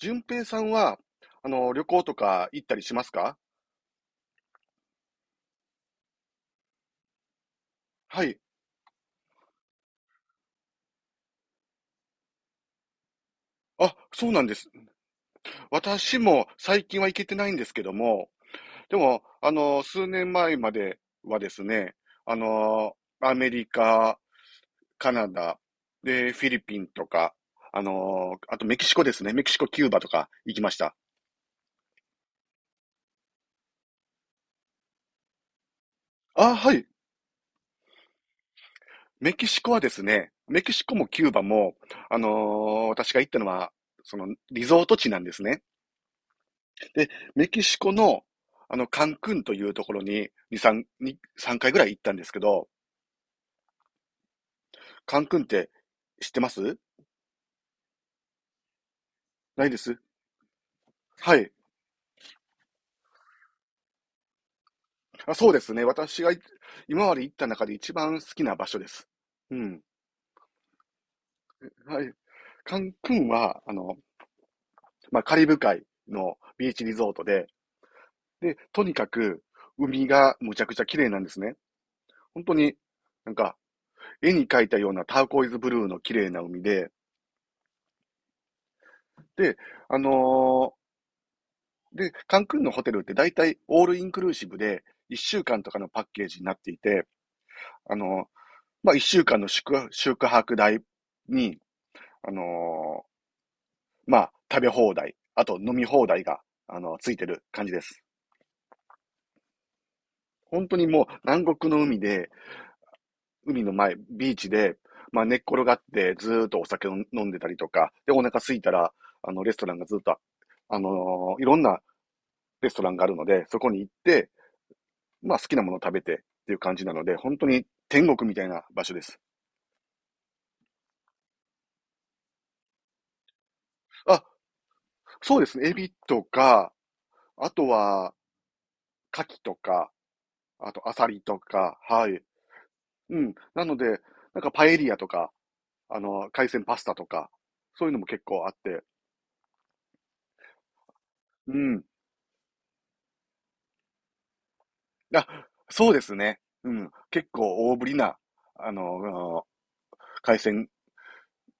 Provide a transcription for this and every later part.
順平さんは、旅行とか行ったりしますか？はい。あ、そうなんです。私も最近は行けてないんですけども、でも、数年前まではですね、あの、アメリカ、カナダ、で、フィリピンとか、あとメキシコですね。メキシコ、キューバとか行きました。あ、はい。メキシコはですね、メキシコもキューバも、私が行ったのは、その、リゾート地なんですね。で、メキシコの、カンクンというところに、2、3、に3回ぐらい行ったんですけど、カンクンって知ってます？ないです。はい。あ、そうですね。私がい今まで行った中で一番好きな場所です。うん。はい。カンクンは、まあ、カリブ海のビーチリゾートで、で、とにかく海がむちゃくちゃ綺麗なんですね。本当に、なんか、絵に描いたようなターコイズブルーの綺麗な海で、で、あのーカンクンのホテルって大体オールインクルーシブで1週間とかのパッケージになっていて、あの、まあ、1週間の宿泊代に、あのーまあ、食べ放題、あと飲み放題が、ついてる感じです。本当にもう南国の海で、海の前、ビーチで、まあ、寝っ転がってずーっとお酒を飲んでたりとか、で、お腹空いたら、レストランがずっと、あのいろんなレストランがあるので、そこに行って、まあ好きなものを食べてっていう感じなので、本当に天国みたいな場所です。あ、そうですね。エビとか、あとは、カキとか、あとアサリとか、はい。うん。なので、なんかパエリアとか、海鮮パスタとか、そういうのも結構あって、うん。あ、そうですね。うん。結構大ぶりな、あの、海鮮、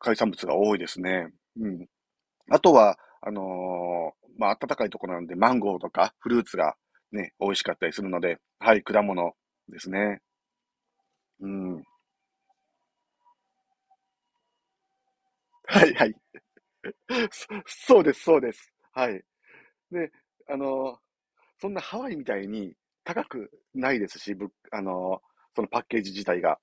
海産物が多いですね。うん。あとは、まあ、暖かいところなんで、マンゴーとかフルーツがね、美味しかったりするので、はい、果物ですね。うん。はいはい。そそうです、そうです。はい。で、あのそんなハワイみたいに高くないですし、ぶあのそのパッケージ自体が。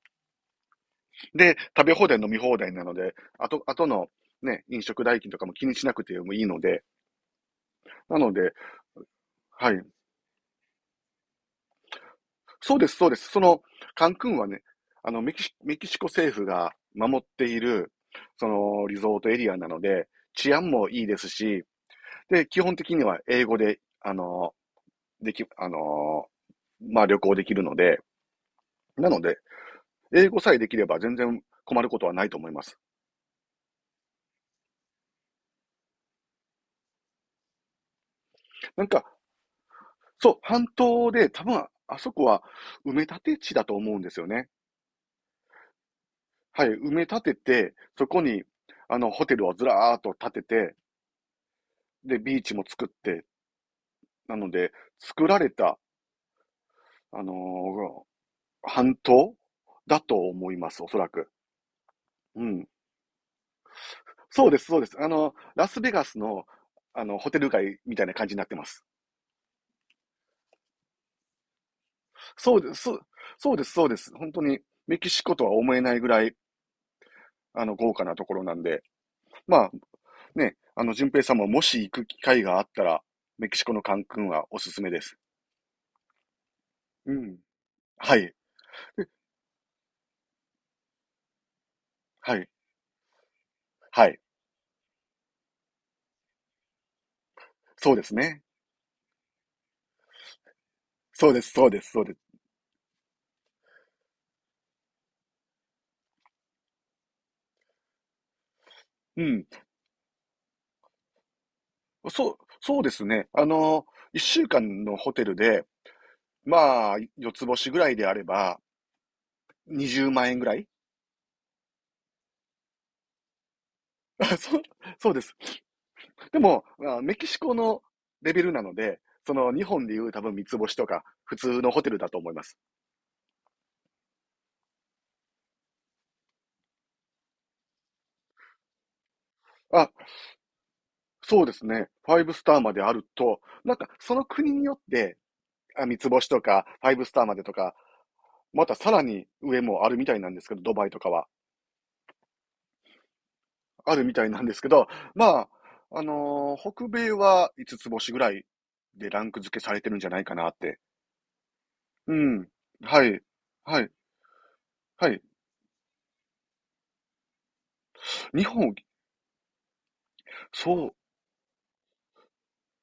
で、食べ放題、飲み放題なので、あとのね、飲食代金とかも気にしなくてもいいので、なので、はい。そうです、そうです。その、カンクンはね、メキシコ政府が守っている、その、リゾートエリアなので、治安もいいですし、で、基本的には英語で、あの、でき、あの、まあ、旅行できるので、なので、英語さえできれば全然困ることはないと思います。なんか、そう、半島で、多分、あそこは埋め立て地だと思うんですよね。はい、埋め立てて、そこに、ホテルをずらーっと建てて、で、ビーチも作って、なので、作られた、あのー半島だと思います、おそらく。うん。そうです、そうです。ラスベガスの、ホテル街みたいな感じになってます。そうです、そうです、そうです。本当に、メキシコとは思えないぐらい、豪華なところなんで。まあ、ね、淳平さんももし行く機会があったら、メキシコのカンクンはおすすめです。うん。はい、はい、はい。そうですね。そうです、そうです、そうです。うん。そうですね。一週間のホテルで、まあ、四つ星ぐらいであれば、20万円ぐらい。 あそう、そうです。でも、まあメキシコのレベルなので、その日本でいう多分三つ星とか、普通のホテルだと思います。あ、そうですね。ファイブスターまであると、なんかその国によって、あ、三つ星とか、ファイブスターまでとか、またさらに上もあるみたいなんですけど、ドバイとかは。あるみたいなんですけど、まあ、北米は五つつ星ぐらいでランク付けされてるんじゃないかなって。うん。はい。はい。はい。日本、そう。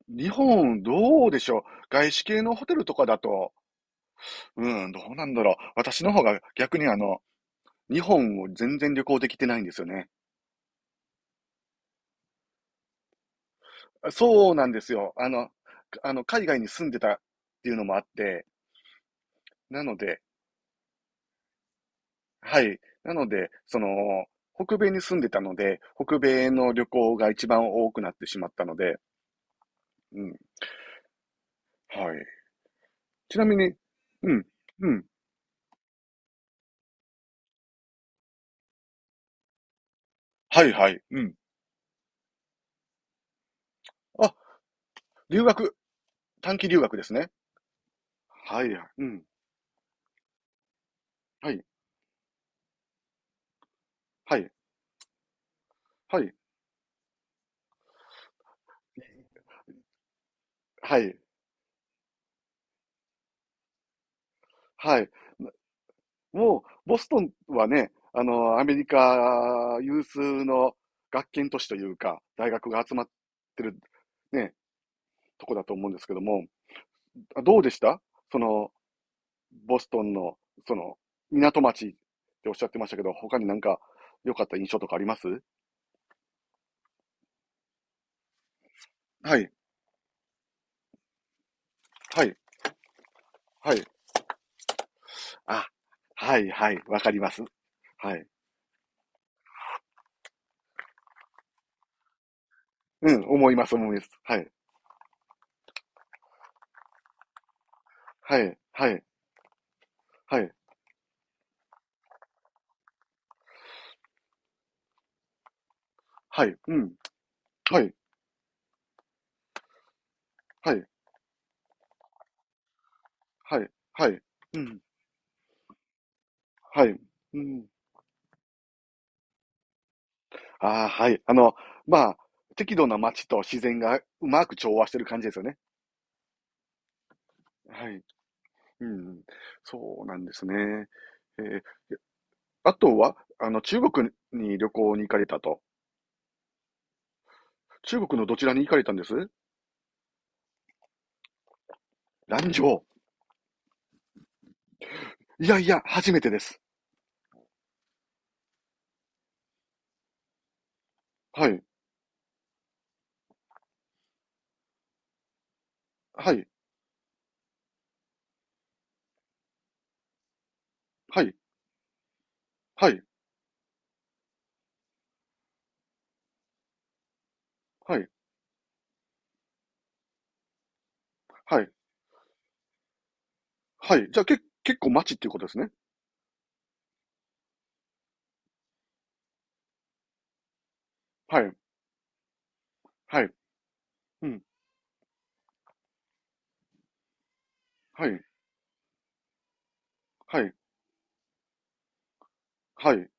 日本、どうでしょう。外資系のホテルとかだと、うん、どうなんだろう。私の方が逆に日本を全然旅行できてないんですよね。そうなんですよ。海外に住んでたっていうのもあって、なので、はい。なので、その、北米に住んでたので、北米の旅行が一番多くなってしまったので、うん、はい。ちなみに、うん、うん、はいはい、うん。あ、留学、短期留学ですね。はい、うん、はい、はい、はい、はい、はい。もう、ボストンはね、アメリカ有数の学研都市というか、大学が集まってる、ね、とこだと思うんですけども、どうでしたその、ボストンの、その、港町っておっしゃってましたけど、他になんか良かった印象とかあります？はい、はい、はい。あ、はい、はい、わかります。はい。うん、思います、思います。はい、はい、はい、はい、はい、うん、はい、はい、はい、はい、うん、はい、うん。ああ、はい。まあ、適度な街と自然がうまく調和してる感じですよね。はい。うん。そうなんですね。えーあとは、中国に旅行に行かれたと。中国のどちらに行かれたんです？蘭州。いやいや、初めてです。はい。はい。はい。はい。はい。はい。はい。じゃあ、結構街っていうことですね。はい。はい。うん。はい。はい。はい。う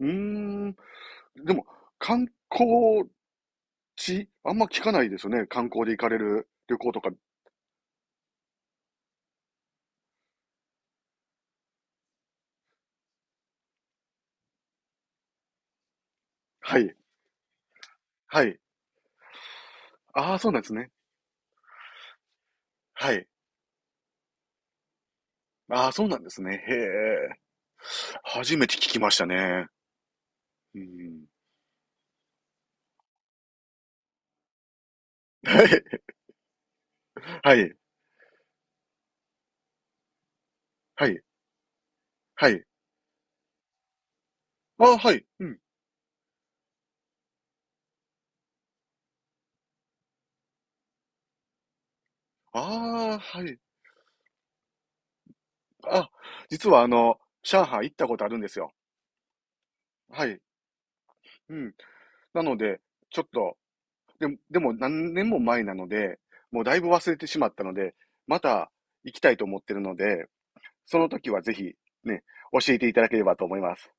ーん。でも、観光地、あんま聞かないですよね。観光で行かれる旅行とか。はい。はい。ああ、そうなんですね。はい。ああ、そうなんですね。へえ。初めて聞きましたね。うん。はい。はい。はい。ああ、はい。うん。ああ、はい。あ、実は上海行ったことあるんですよ。はい。うん。なので、ちょっと、でも何年も前なので、もうだいぶ忘れてしまったので、また行きたいと思ってるので、その時はぜひね、教えていただければと思います。